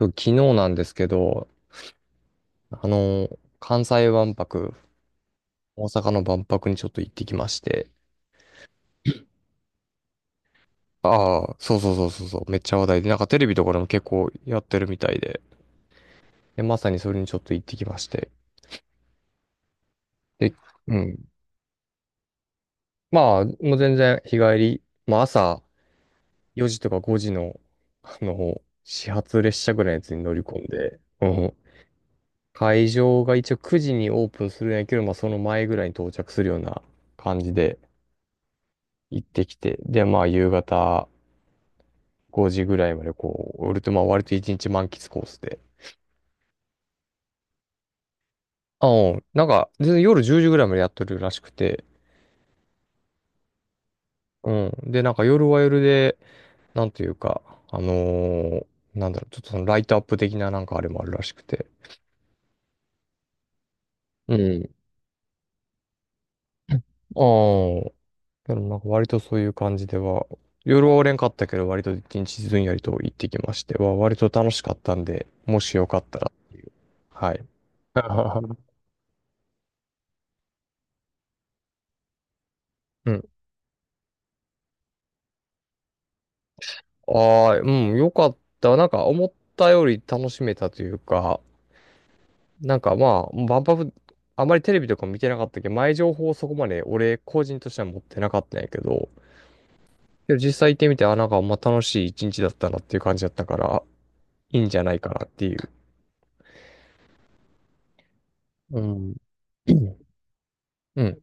昨日なんですけど、あの、関西万博、大阪の万博にちょっと行ってきまして。ああ、そうそうそうそうそう、めっちゃ話題で、なんかテレビとかでも結構やってるみたいで、で、まさにそれにちょっと行ってきまして。で、うん。まあ、もう全然日帰り、まあ朝4時とか5時の、始発列車ぐらいのやつに乗り込んで、うん。会場が一応9時にオープンするんやけど、まあその前ぐらいに到着するような感じで行ってきて、で、まあ夕方、5時ぐらいまでこう、俺とまあ割と1日満喫コースで。あ、うん。なんか、全然夜10時ぐらいまでやってるらしくて。うん。で、なんか夜は夜で、なんていうか、あのーなんだろう、ちょっとそのライトアップ的ななんかあれもあるらしくて。うん。ああ。でもなんか割とそういう感じでは、夜はおれんかったけど、割と一日ずんやりと行ってきましては、割と楽しかったんで、もしよかったら。はい。うんああ、うん、よかった。なんか思ったより楽しめたというか、なんかまあ、万博、あまりテレビとかも見てなかったけど、前情報をそこまで俺個人としては持ってなかったんやけど、でも実際行ってみて、あ、なんかまあ楽しい一日だったなっていう感じだったから、いいんじゃないかなっていう。うん。うん。うん。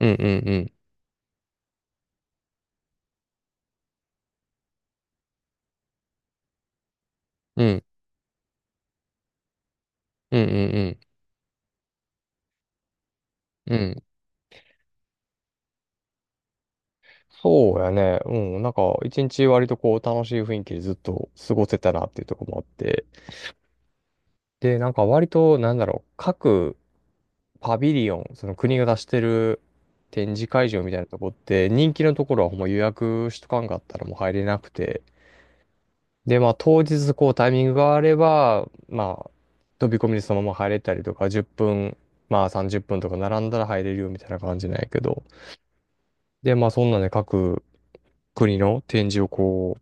うん。うん。うん。うん。うんうん。そうやね。うん。なんか、一日割とこう、楽しい雰囲気でずっと過ごせたなっていうところもあって。で、なんか割と、なんだろう、各パビリオン、その国が出してる展示会場みたいなとこって、人気のところはほんま予約しとかんかったらもう入れなくて。で、まあ当日こうタイミングがあれば、まあ飛び込みでそのまま入れたりとか、10分、まあ30分とか並んだら入れるよみたいな感じなんやけど。で、まあそんなんで各国の展示をこ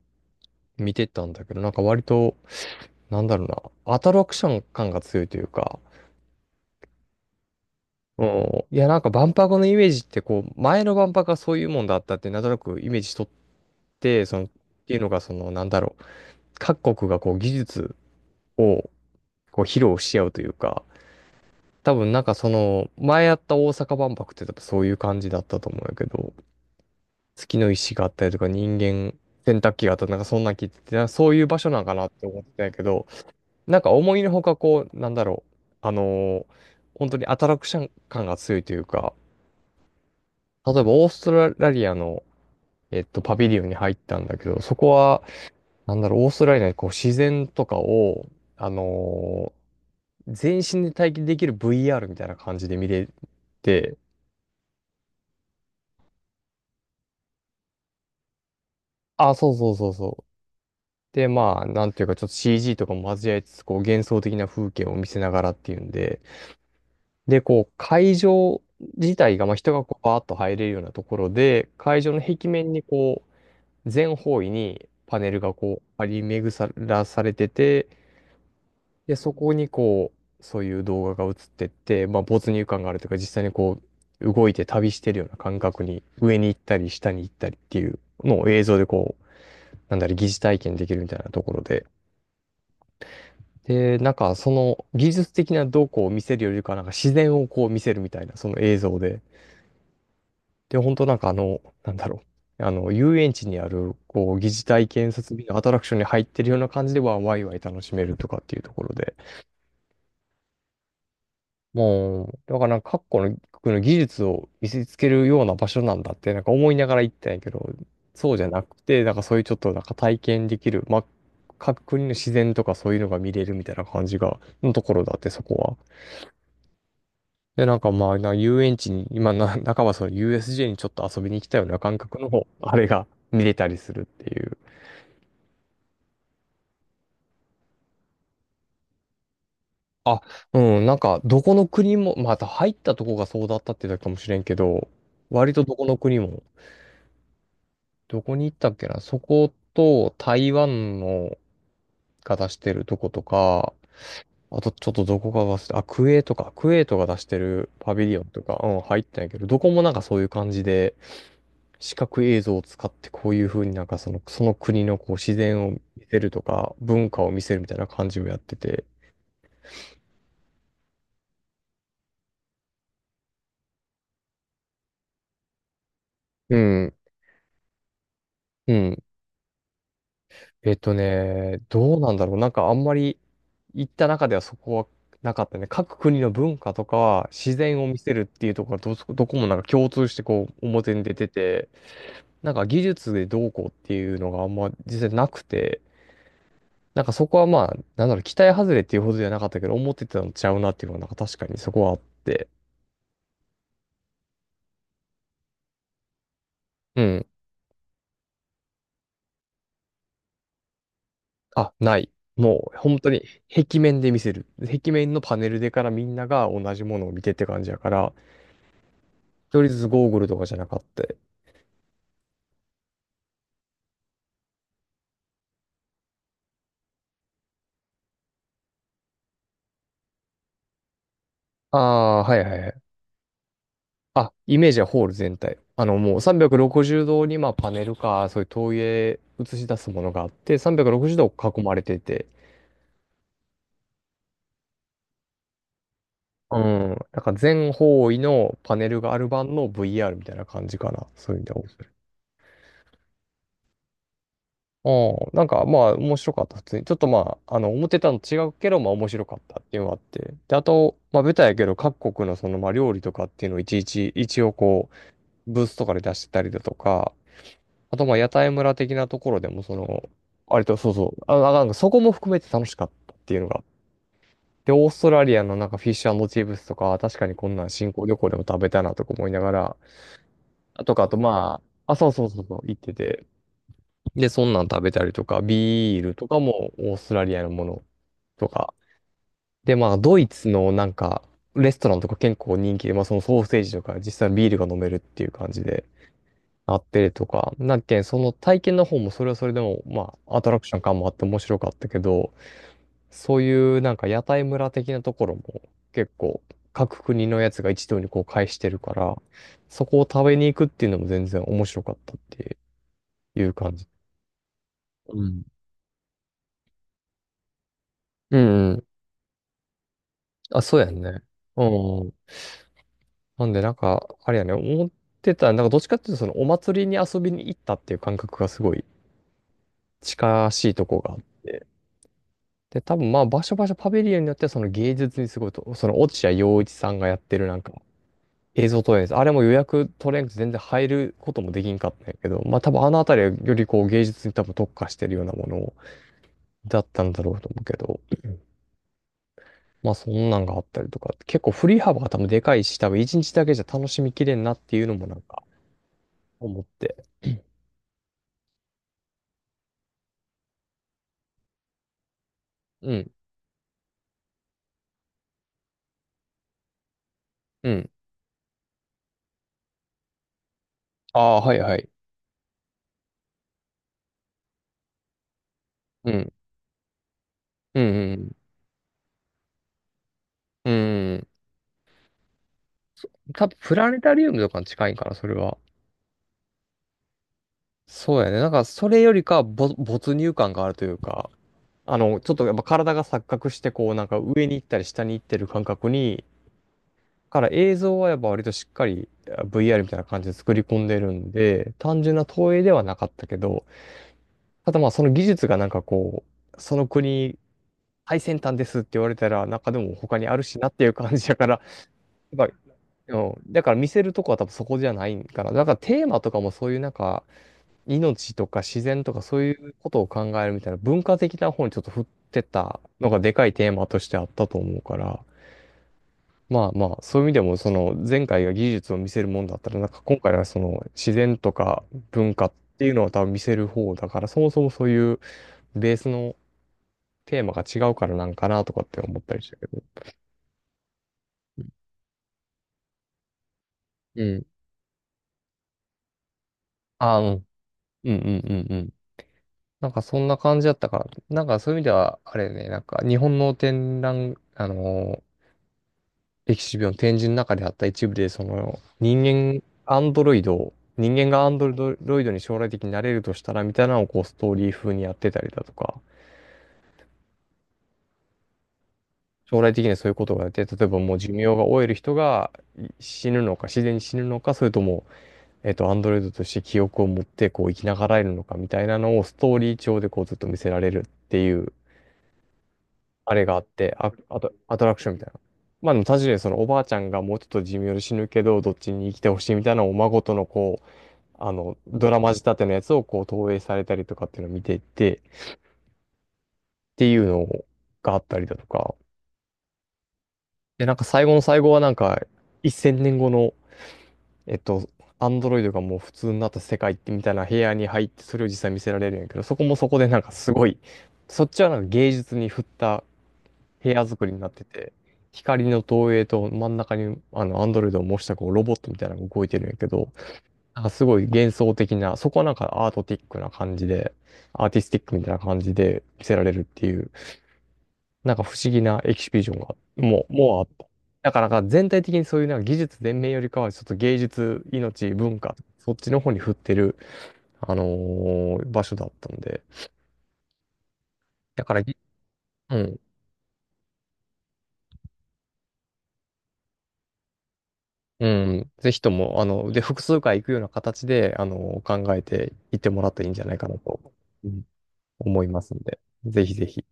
う見てったんだけど、なんか割と、なんだろうな、アトラクション感が強いというか、うんいや、なんか万博のイメージって、こう、前の万博がそういうもんだったって、なんとなくイメージしとって、その、っていうのが、その、なんだろう、各国がこう、技術を、こう、披露し合うというか、多分なんかその、前やった大阪万博って多分そういう感じだったと思うんやけど、月の石があったりとか、人間、洗濯機があったり、なんかそんなん聞いてて、なんかそういう場所なんかなって思ってたんやけど、なんか思いのほかこう、あのー本当にアトラクション感が強いというか、例えばオーストラリアの、パビリオンに入ったんだけど、そこは、なんだろう、オーストラリアでこう自然とかを、あのー全身で体験できる VR みたいな感じで見れて、あ、そうそうそうそう。で、まあ、なんていうか、ちょっと CG とかも交えつつ、こう幻想的な風景を見せながらっていうんで、で、こう、会場自体が、まあ、人がこう、バーッと入れるようなところで、会場の壁面にこう、全方位にパネルがこう、張り巡らされてて、で、そこにこう、そういう動画が映ってって、まあ、没入感があるというか、実際にこう、動いて旅してるような感覚に、上に行ったり、下に行ったりっていうのを映像でこう、なんだろう、疑似体験できるみたいなところで。で、なんか、その技術的などうこうを見せるよりかは、なんか自然をこう見せるみたいな、その映像で。で、本当なんかあの、遊園地にある、こう、疑似体験設備のアトラクションに入ってるような感じでは、ワイワイ楽しめるとかっていうところで。もう、だからなんか各国の、国の技術を見せつけるような場所なんだって、なんか思いながら行ったんやけど、そうじゃなくて、なんかそういうちょっとなんか体験できる、まあ、各国の自然とかそういうのが見れるみたいな感じが、のところだって、そこは。で、なんかまあ、な遊園地に、今な、仲間その USJ にちょっと遊びに来たような感覚の、あれが見れたりするっていう。あ、うん、なんか、どこの国も、また入ったとこがそうだったってだけかもしれんけど、割とどこの国もどこに行ったっけなそこと台湾のが出してるとことか、あとちょっとどこか忘れた、あ、クエとトか、クエェトが出してるパビリオンとか、うん、入ったんやけど、どこもなんかそういう感じで、視覚映像を使ってこういう風になんかその、その国のこう自然を見せるとか、文化を見せるみたいな感じをやってて、うん、うん。えっとね、どうなんだろう。なんかあんまり行った中ではそこはなかったね。各国の文化とか自然を見せるっていうところがどそ、どこもなんか共通してこう表に出てて、なんか技術でどうこうっていうのがあんま実際なくて、なんかそこはまあ、なんだろう、期待外れっていうほどじゃなかったけど、思ってたのちゃうなっていうのがなんか確かにそこはあって。うん。あ、ない。もう本当に壁面で見せる。壁面のパネルでからみんなが同じものを見てって感じやから、一人ずつゴーグルとかじゃなかった。ああ、はいはいはい。あ、イメージはホール全体。あの、もう360度に、まあ、パネルか、そういう投影映し出すものがあって、360度囲まれてて、うん。なんか全方位のパネルがある版の VR みたいな感じかな。そういう意でうん。なんか、まあ、面白かった。普通に。ちょっとまあ、あの、思ってたのと違うけど、まあ、面白かったっていうのがあって。で、あと、まあ、ベタやけど、各国のその、まあ、料理とかっていうのをいちいち、一応こう、ブースとかで出してたりだとか、あと、まあ、屋台村的なところでも、その、割と、そうそう、あ、なんか、そこも含めて楽しかったっていうのが。で、オーストラリアのなんかフィッシュチップスとか、確かにこんなん新興旅行でも食べたなとか思いながら、あとか、あと、まあ、あ、そうそうそうそう、行ってて。で、そんなん食べたりとか、ビールとかもオーストラリアのものとか。で、まあ、ドイツのなんか、レストランとか結構人気で、まあ、そのソーセージとか、実際にビールが飲めるっていう感じで。なってるとか、なんけん、その体験の方もそれはそれでも、まあ、アトラクション感もあって面白かったけど、そういうなんか屋台村的なところも結構各国のやつが一堂にこう会してるから、そこを食べに行くっていうのも全然面白かったっていう感じ。うん。うんうん。あ、そうやんね。うん。なんでなんか、あれやね、思ってた、なんかどっちかっていうとそのお祭りに遊びに行ったっていう感覚がすごい近しいとこがあって。で、多分まあ、場所場所パビリオンによってはその芸術にすごいと、その落合陽一さんがやってるなんか映像投影です。あれも予約取れんくて全然入ることもできんかったんやけど、まあ多分あのあたりはよりこう芸術に多分特化してるようなものだったんだろうと思うけど、まあそんなんがあったりとか、結構振り幅が多分でかいし、多分一日だけじゃ楽しみきれんなっていうのもなんか思って。うん、うん。ああ、はいはい。うん、うん、うん、うん。多分プラネタリウムとかに近いんかな、それは。そうやね。なんか、それよりかは没入感があるというか、ちょっとやっぱ体が錯覚して、こう、なんか上に行ったり下に行ってる感覚に、から映像はやっぱ割としっかりVR みたいな感じで作り込んでるんで、単純な投影ではなかったけど、ただまあその技術がなんかその国最先端ですって言われたら、中でも他にあるしなっていう感じだから、やっぱ、うん、だから見せるとこは多分そこじゃないんかな。だからテーマとかもそういうなんか、命とか自然とかそういうことを考えるみたいな文化的な方にちょっと振ってたのがでかいテーマとしてあったと思うから、まあまあ、そういう意味でもその前回が技術を見せるもんだったら、なんか今回はその自然とか文化っていうのは多分見せる方だから、そもそもそういうベースのテーマが違うからなんかなとかって思ったりしたけど。うん。あ、うん。うんうんうんうん。なんかそんな感じだったから、なんかそういう意味では、あれね、なんか日本の展覧、エキシビオン展示の中であった一部で、その人間、アンドロイドを、人間がアンドロイドに将来的になれるとしたらみたいなのをこうストーリー風にやってたりだとか、将来的にはそういうことがあって、例えばもう寿命が終える人が死ぬのか、自然に死ぬのか、それとも、アンドロイドとして記憶を持ってこう生きながらえるのかみたいなのをストーリー調でこうずっと見せられるっていう、あれがあって、あ、あと、アトラクションみたいな。まあでも確かにそのおばあちゃんがもうちょっと寿命で死ぬけど、どっちに生きてほしいみたいなのをお孫とのこう、あの、ドラマ仕立てのやつをこう投影されたりとかっていうのを見ていって、っていうのがあったりだとか、で、なんか最後の最後はなんか、1000年後の、えっと、アンドロイドがもう普通になった世界ってみたいな部屋に入って、それを実際見せられるんやけど、そこもそこでなんかすごい、そっちはなんか芸術に振った部屋作りになってて、光の投影と真ん中にあのアンドロイドを模したこうロボットみたいなのが動いてるんやけど、なんかすごい幻想的な、そこはなんかアートティックな感じで、アーティスティックみたいな感じで見せられるっていう、なんか不思議なエキシビジョンが、もうあった。だからなんか全体的にそういうなんか技術全面よりかは、ちょっと芸術、命、文化、そっちの方に振ってる、あの場所だったんで。だからぎ、うん、うん、ぜひとも、あの、で、複数回行くような形で、あの考えていってもらったらいいんじゃないかなと、うん思いますんで、ぜひぜひ。